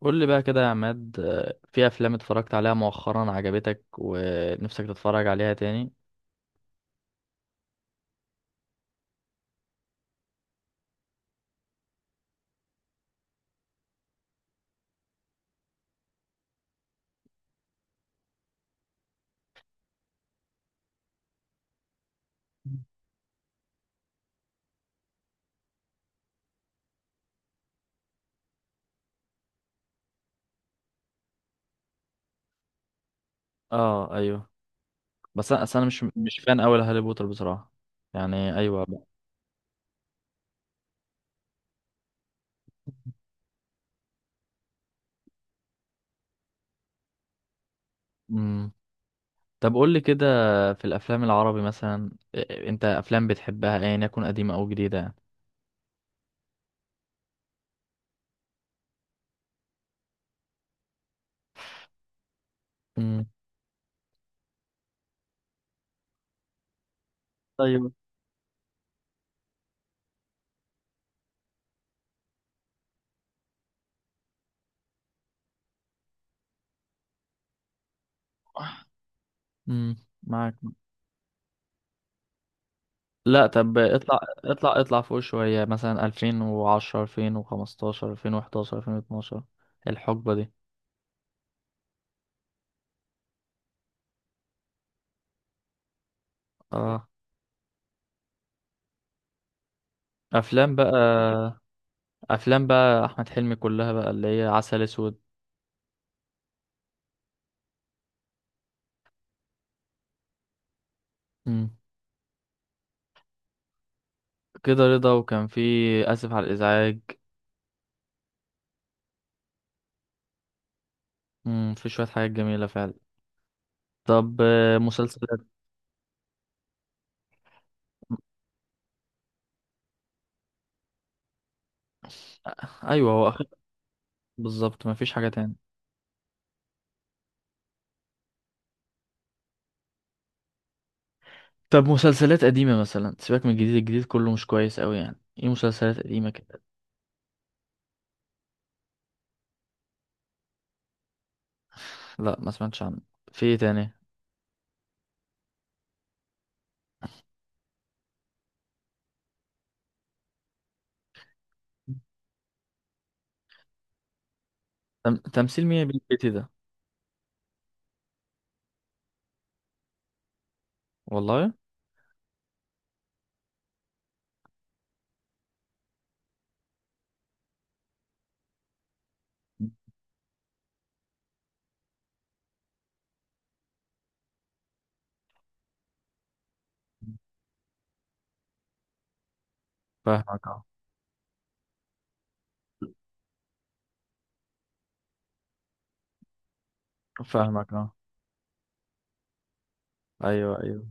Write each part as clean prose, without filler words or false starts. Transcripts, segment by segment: قول لي بقى كده يا عماد، في افلام اتفرجت عليها مؤخرا عجبتك ونفسك تتفرج عليها تاني؟ اه، ايوه. بس انا أصل انا مش فان قوي لهاري بوتر بصراحه. يعني ايوه بقى. امم. طب قول لي كده، في الافلام العربي مثلا، انت افلام بتحبها ايا يكن قديمه او جديده؟ يعني امم. ايوه. امم. معاك. لا طب اطلع فوق شويه، مثلا 2010 2015 2011 2012، الحقبه دي. اه، افلام بقى افلام بقى احمد حلمي كلها بقى، اللي هي عسل اسود. مم. كده رضا وكان في اسف على الازعاج. مم. في شويه حاجات جميله فعلا. طب، مسلسلات. ايوه هو اخر. بالظبط، مفيش حاجه تاني. طب مسلسلات قديمه مثلا، سيبك من الجديد كله مش كويس قوي يعني. ايه مسلسلات قديمه كده؟ لا ما سمعتش عنه. في ايه تاني؟ تمثيل مين بالبيتي ده؟ والله. مم. فاهمك، اه. فاهمك، اه. ايوه، ايوه.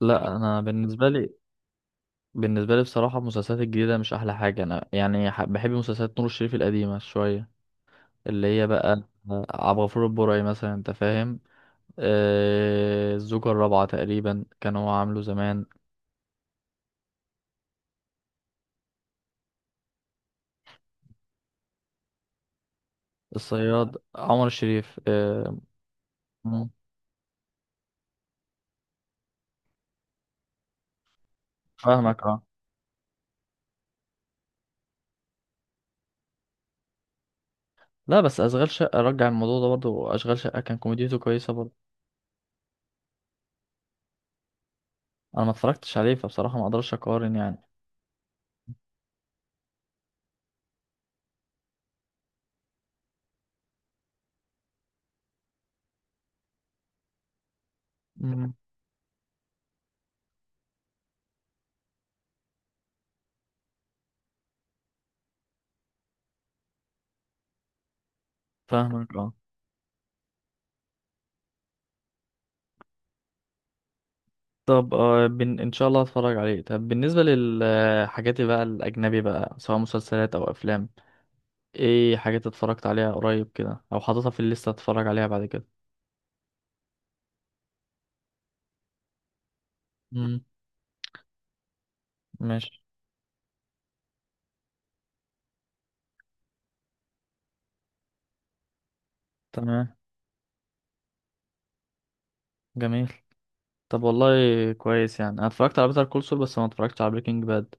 لا انا بالنسبه لي، بالنسبة لي بصراحة المسلسلات الجديدة مش أحلى حاجة. أنا يعني بحب مسلسلات نور الشريف القديمة شوية، اللي هي بقى عبد الغفور البرعي مثلا، أنت فاهم. الزوجة الرابعة تقريبا كان هو عامله زمان. الصياد عمر الشريف، مم. فاهمك، اه. لا بس أشغال شقة رجع الموضوع ده برضه. أشغال شقة كان كوميديته كويسة برضه. أنا ما اتفرجتش عليه، فبصراحة ما أقدرش أقارن يعني. مم. فاهمك، اه. طب، ان شاء الله هتفرج عليه. طب بالنسبه للحاجات بقى الاجنبي بقى، سواء مسلسلات او افلام، ايه حاجات اتفرجت عليها قريب كده او حاططها في الليسته اتفرج عليها بعد كده؟ مم. ماشي. تمام. جميل. طب والله، كويس. يعني انا اتفرجت على بيتر كول سول، بس ما اتفرجتش على بريكنج باد.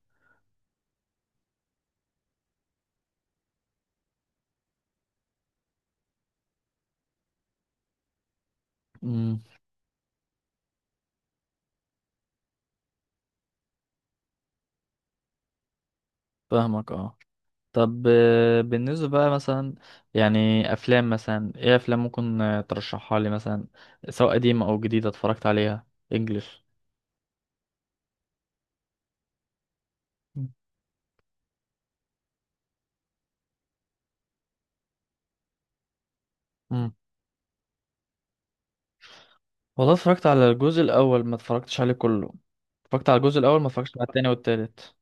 امم. فاهمك، اه. طب، بالنسبة بقى مثلا، يعني أفلام مثلا إيه، أفلام ممكن ترشحها لي مثلا، سواء قديمة أو جديدة، اتفرجت عليها إنجلش؟ والله اتفرجت على الجزء الاول، ما اتفرجتش عليه كله. اتفرجت على الجزء الاول، ما اتفرجتش على التاني والتالت.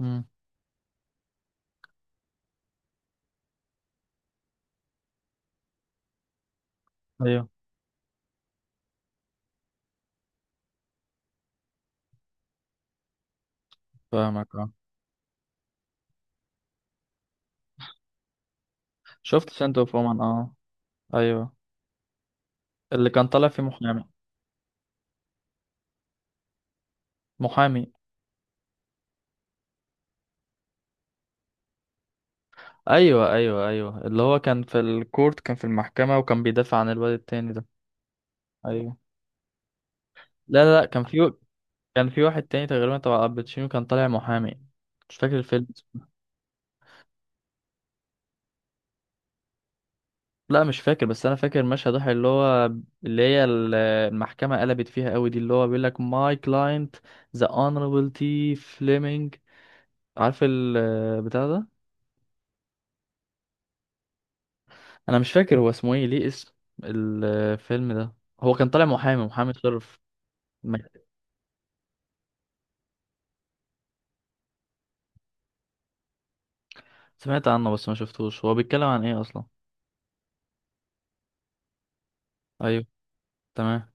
امم. ايوه. فاهمك، اه. شفت سنت اوف وومن، اه. ايوه. اللي كان طالع فيه محامي. محامي. ايوه، ايوه، ايوه، اللي هو كان في الكورت، كان في المحكمة، وكان بيدافع عن الواد التاني ده. ايوه. لا، لا، لا، كان في، كان في واحد تاني تقريبا تبع الباتشينو، كان طالع محامي. مش فاكر الفيلم. لا مش فاكر، بس انا فاكر مشهد واحد، اللي هو اللي هي المحكمه قلبت فيها قوي دي، اللي هو بيقول لك ماي كلاينت ذا اونربل تي فليمنج. عارف البتاع ده. انا مش فاكر هو اسمه ايه، ليه اسم الفيلم ده. هو كان طالع محامي شرف. م- سمعت عنه بس ما شفتوش. هو بيتكلم عن ايه اصلا؟ ايوه. تمام.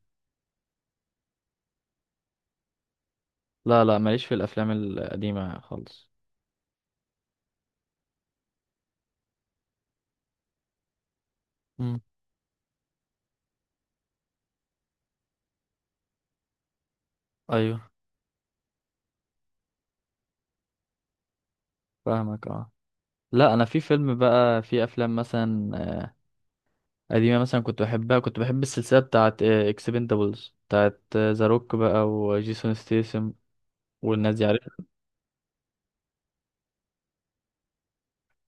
لا، لا، ماليش في الافلام القديمه خالص. امم. ايوه. فاهمك، اه. لا انا في فيلم بقى، في افلام مثلا قديمة مثلا كنت بحبها، كنت بحب السلسلة بتاعت اكسبندابلز بتاعت ذا روك بقى، وجيسون ستيسم والناس دي عارفها،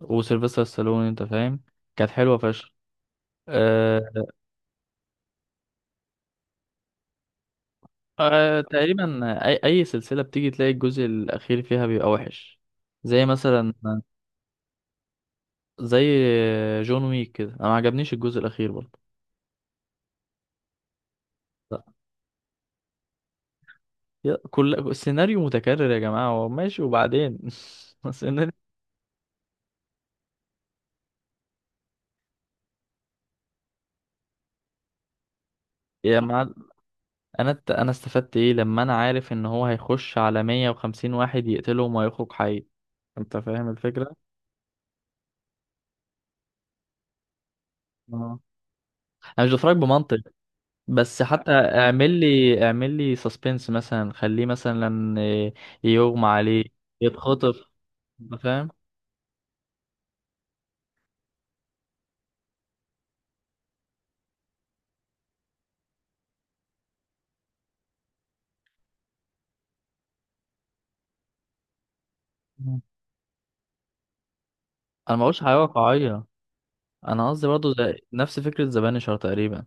وسيلفستر ستالون، انت فاهم. كانت حلوة فشخ. أه. أه تقريبا. أي سلسلة بتيجي تلاقي الجزء الأخير فيها بيبقى وحش. زي مثلا، زي جون ويك كده، أنا ما عجبنيش الجزء الأخير برضه. لا، كل السيناريو متكرر يا جماعة، هو ماشي وبعدين السيناريو. يا معلم، انا استفدت ايه لما انا عارف ان هو هيخش على 150 واحد يقتلهم ويخرج حي؟ انت فاهم الفكرة. اه، انا مش بتفرج بمنطق. بس حتى اعمل لي سسبنس مثلا، خليه مثلا يغمى عليه، يتخطف، انت فاهم. مم. انا ما بقولش حاجة واقعية. انا قصدي برضه زي نفس فكرة ذا بانشر تقريبا.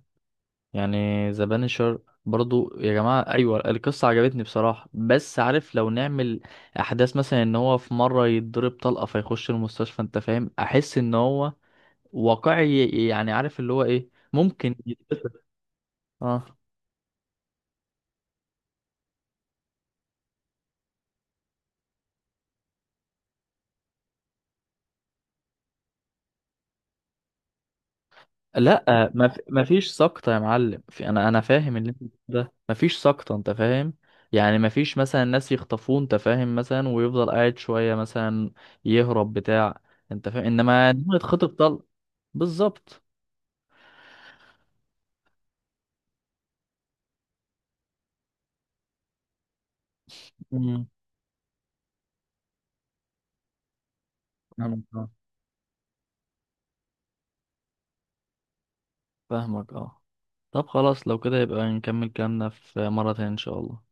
يعني ذا بانشر برضو يا جماعة، أيوة القصة عجبتني بصراحة، بس عارف لو نعمل أحداث مثلا، إن هو في مرة يتضرب طلقة فيخش المستشفى، أنت فاهم، أحس إن هو واقعي، يعني عارف اللي هو إيه، ممكن يتقتل. اه. لا ما فيش سقطة يا معلم في، انا فاهم اللي انت بتقوله ده، ما فيش سقطة انت فاهم. يعني ما فيش مثلا ناس يخطفوه انت فاهم، مثلا ويفضل قاعد شوية مثلا يهرب بتاع. انت فاهم، انما إن هو يتخطف طلقة. بالظبط. مم. فاهمك، اه. فاهمك، اه. طب خلاص، لو كده يبقى نكمل كلامنا في مرة تانية ان شاء الله.